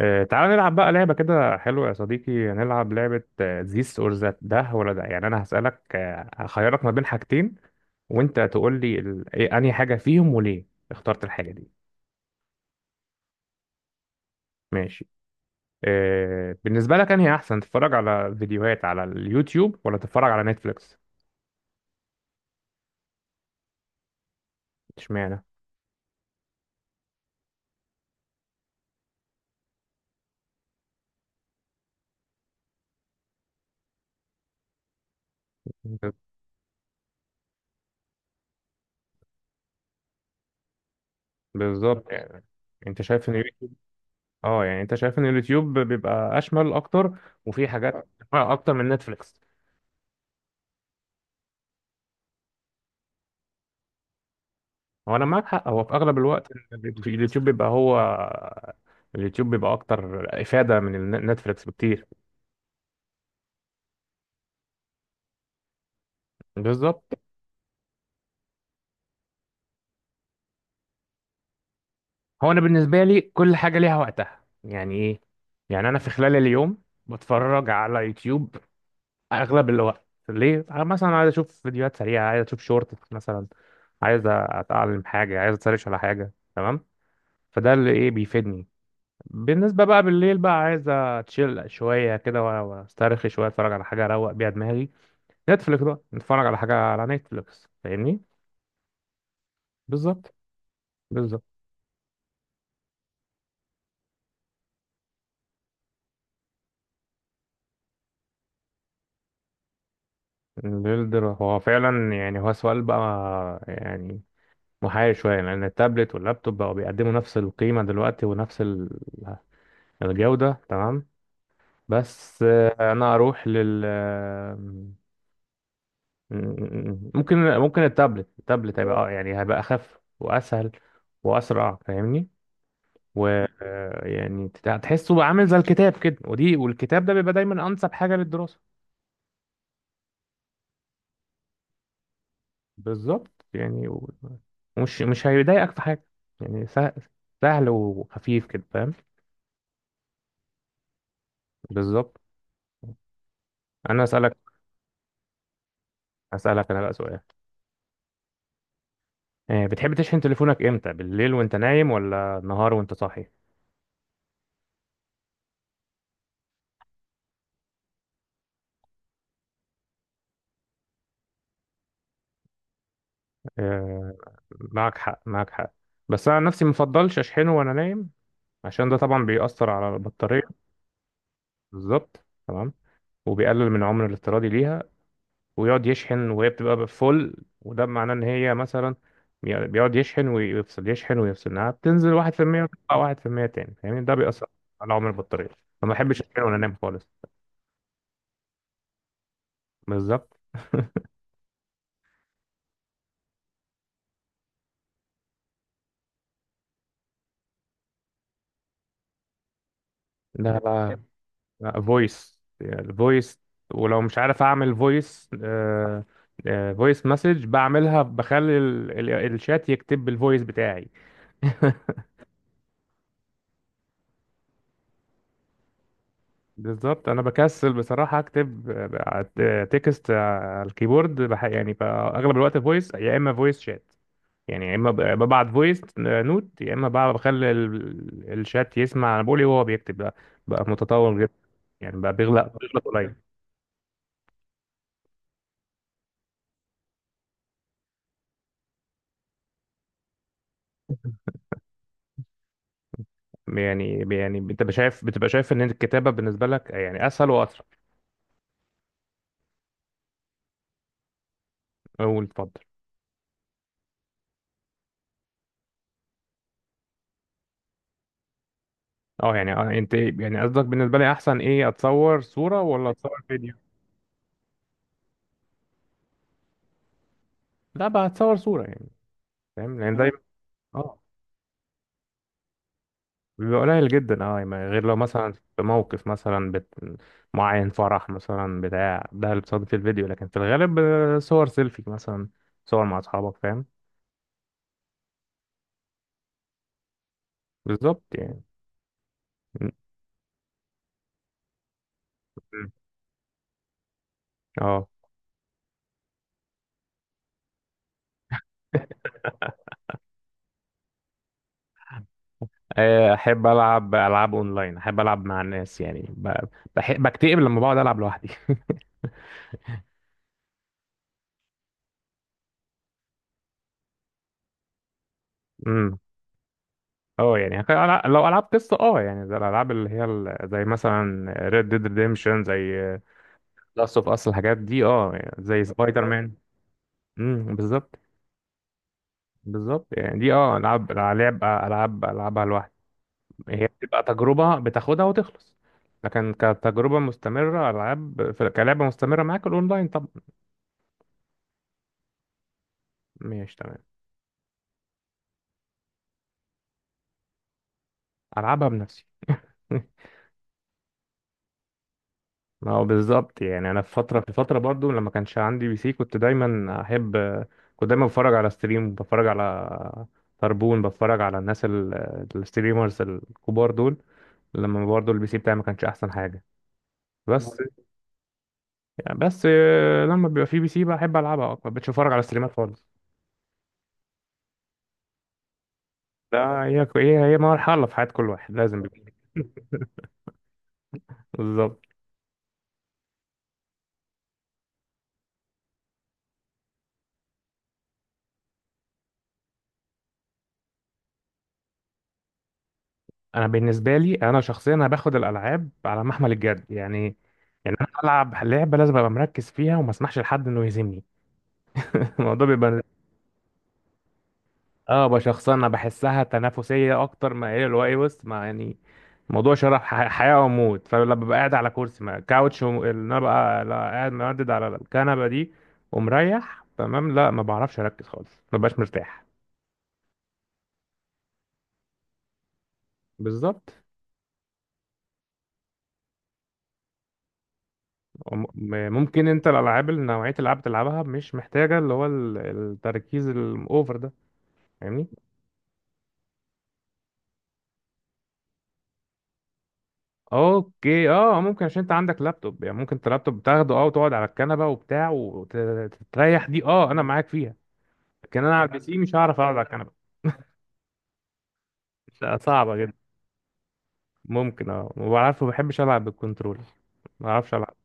تعالى نلعب بقى لعبة كده حلوة يا صديقي. نلعب لعبة ذيس اور ذات، ده ولا ده. يعني أنا هسألك، هخيرك ما بين حاجتين وأنت تقول لي ال... إيه أنهي حاجة فيهم وليه اخترت الحاجة دي. ماشي. بالنسبة لك أنهي أحسن، تتفرج على فيديوهات على اليوتيوب ولا تتفرج على نتفليكس؟ اشمعنى؟ ب- بالظبط يعني. أنت شايف إن اه يعني أنت شايف إن اليوتيوب بيبقى أشمل أكتر وفيه حاجات أكتر من نتفليكس. هو انا معاك حق. هو في اغلب الوقت اليوتيوب بيبقى هو، اليوتيوب بيبقى اكتر افاده من نتفليكس بكتير. بالظبط. هو انا بالنسبه لي كل حاجه ليها وقتها. يعني ايه؟ يعني انا في خلال اليوم بتفرج على يوتيوب اغلب الوقت، ليه؟ أنا مثلا عايز اشوف فيديوهات سريعه، عايز اشوف شورت مثلا، عايز اتعلم حاجه، عايز اتسرش على حاجه، تمام؟ فده اللي ايه بيفيدني. بالنسبه بقى بالليل بقى، عايز اتشيل شويه كده واسترخي شويه، اتفرج على حاجه اروق بيها دماغي، نتفليكس بقى، نتفرج على حاجة على نتفليكس. فاهمني؟ بالظبط. بالظبط. البيلدر هو فعلا يعني، هو سؤال بقى يعني محير شوية، لأن التابلت واللابتوب بقوا بيقدموا نفس القيمة دلوقتي ونفس الجودة، تمام؟ بس أنا أروح لل ممكن التابلت هيبقى يعني هيبقى أخف وأسهل وأسرع، فاهمني؟ و يعني تحسه بقى عامل زي الكتاب كده، ودي والكتاب ده بيبقى دايما أنسب حاجة للدراسة. بالظبط يعني. ومش مش هيضايقك في حاجة، يعني سهل, سهل وخفيف كده، فاهم؟ بالظبط. أنا أسألك. أسألك أنا بقى سؤال. بتحب تشحن تليفونك إمتى، بالليل وأنت نايم ولا النهار وأنت صاحي؟ آه، معك حق، معك حق. بس أنا عن نفسي مفضلش أشحنه وأنا نايم، عشان ده طبعا بيأثر على البطارية. بالظبط، تمام. وبيقلل من عمر الافتراضي ليها، ويقعد يشحن وهي بتبقى فول. وده معناه ان هي مثلا، بيقعد يشحن ويفصل، يشحن ويفصل، انها بتنزل 1% وتطلع 1% تاني. فاهمني؟ ده بيأثر على عمر البطارية، فما بحبش اشحن وانا نايم خالص. بالظبط. ده بقى الفويس، ولو مش عارف اعمل فويس، فويس مسج بعملها، بخلي الشات يكتب بالفويس بتاعي. بالظبط. انا بكسل بصراحه اكتب تكست على الكيبورد. يعني اغلب الوقت فويس، يا اما فويس شات. يعني يا اما ببعت فويس نوت، يا اما بقى بخلي الشات يسمع انا بقول ايه وهو بيكتب. بقى بقى متطور جدا يعني، بقى بيغلق قليل. يعني يعني انت شايف، بتبقى شايف ان الكتابه بالنسبه لك يعني اسهل واسرع. قول اتفضل. اه يعني انت يعني قصدك بالنسبه لي احسن ايه، اتصور صوره ولا اتصور فيديو؟ لا بقى اتصور صوره يعني، فاهم؟ يعني دايما. اه بيبقى قليل جدا، اه يعني غير لو مثلا في موقف مثلا معين، فرح مثلا بتاع ده، اللي بتصادف في الفيديو. لكن في الغالب صور سيلفي مثلا، صور مع اصحابك، فاهم؟ بالظبط يعني. م- م. اه. احب العب العاب اونلاين، احب العب مع الناس. يعني بحب بكتئب لما بقعد العب لوحدي. امم. اه يعني لو العاب قصه، اه يعني زي الالعاب اللي هي زي مثلا ريد ديد ريديمشن، زي لاست اوف اس، الحاجات دي. اه يعني زي سبايدر مان. امم، بالظبط. بالظبط يعني، دي اه العاب العاب العبها لوحدي، هي بتبقى تجربه بتاخدها وتخلص. لكن كتجربه مستمره، العاب كلعبه مستمره معاك، الاونلاين طبعا. ماشي، تمام. العبها بنفسي. ما هو بالظبط يعني، انا في فتره برضو، لما كانش عندي بي سي، كنت دايما احب، كنت دايما بتفرج على ستريم، بتفرج على طربون، بتفرج على الناس الستريمرز الكبار دول. لما برضو البي سي بتاعي ما كانش احسن حاجه. بس بس لما بيبقى في بي سي، بحب العبها اكتر، مش بتفرج على ستريمات خالص. ده هي مرحله في حياه كل واحد، لازم بي سي. بالظبط. انا بالنسبه لي انا شخصيا، انا باخد الالعاب على محمل الجد يعني. يعني انا العب لعبه لازم ابقى مركز فيها، وما اسمحش لحد انه يهزمني. الموضوع بيبقى اه بشخصنة. انا بحسها تنافسية اكتر، ما هي اللي هو ايه، بص ما يعني، موضوع شرف، حياة وموت. فلما ببقى قاعد على كرسي ما كاوتش اللي انا بقى، لا قاعد مردد على الكنبة دي ومريح تمام، لا ما بعرفش اركز خالص، ما ببقاش مرتاح. بالظبط. ممكن انت الالعاب اللي، نوعية الالعاب بتلعبها مش محتاجة اللي هو التركيز الاوفر ده، فاهمني؟ اوكي اه، ممكن عشان انت عندك لابتوب يعني، ممكن انت اللابتوب تاخده اه وتقعد على الكنبة وبتاع وتريح، دي اه انا معاك فيها. لكن انا على البي سي مش هعرف اقعد على الكنبه. لا، صعبه جدا. ممكن اه، ما بعرفش، ما بحبش العب بالكنترول، ما بعرفش العب.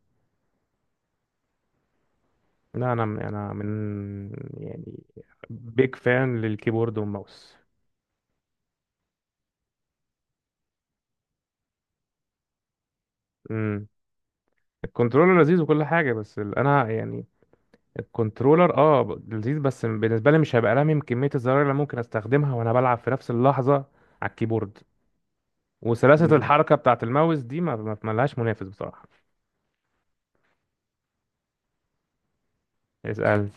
لا انا من يعني، بيج فان للكيبورد والماوس. امم. الكنترولر لذيذ وكل حاجه، بس انا يعني الكنترولر اه لذيذ، بس بالنسبه لي مش هبقى لامم كميه الزراير اللي ممكن استخدمها وانا بلعب في نفس اللحظه على الكيبورد. وسلاسه مم. الحركه بتاعه الماوس دي ما لهاش منافس بصراحه. اسال.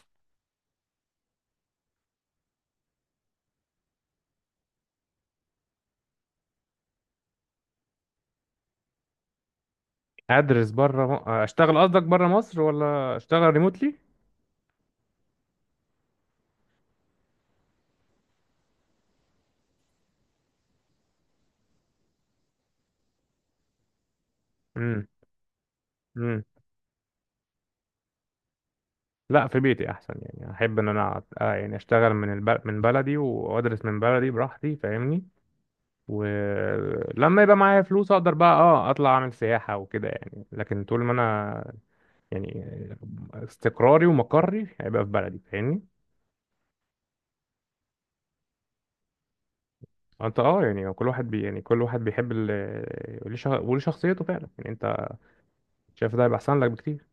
ادرس بره اشتغل قصدك، بره مصر ولا اشتغل ريموتلي؟ امم. امم. لا في بيتي احسن يعني، احب ان انا آه يعني اشتغل من من بلدي، وادرس من بلدي براحتي، فاهمني؟ ولما يبقى معايا فلوس اقدر بقى اه اطلع اعمل سياحة وكده يعني. لكن طول ما انا يعني، استقراري ومقري هيبقى في بلدي، فاهمني؟ انت اه يعني كل واحد بي يعني كل واحد بيحب ال... وليه وليه شخصيته فعلا يعني. انت شايف ده هيبقى احسن لك بكتير.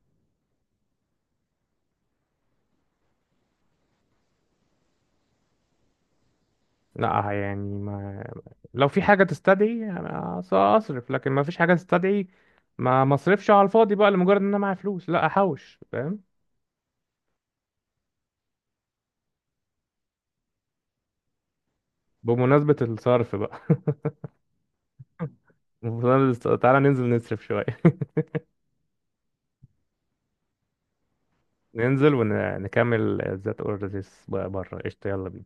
لا يعني ما، لو في حاجة تستدعي أنا أصرف، لكن ما فيش حاجة تستدعي ما مصرفش على الفاضي بقى، لمجرد إن أنا معايا فلوس، لا أحوش، فاهم؟ بمناسبة الصرف بقى. تعالى ننزل نصرف شوية. ننزل ونكمل ذات أوردرز بره. قشطة، يلا بينا.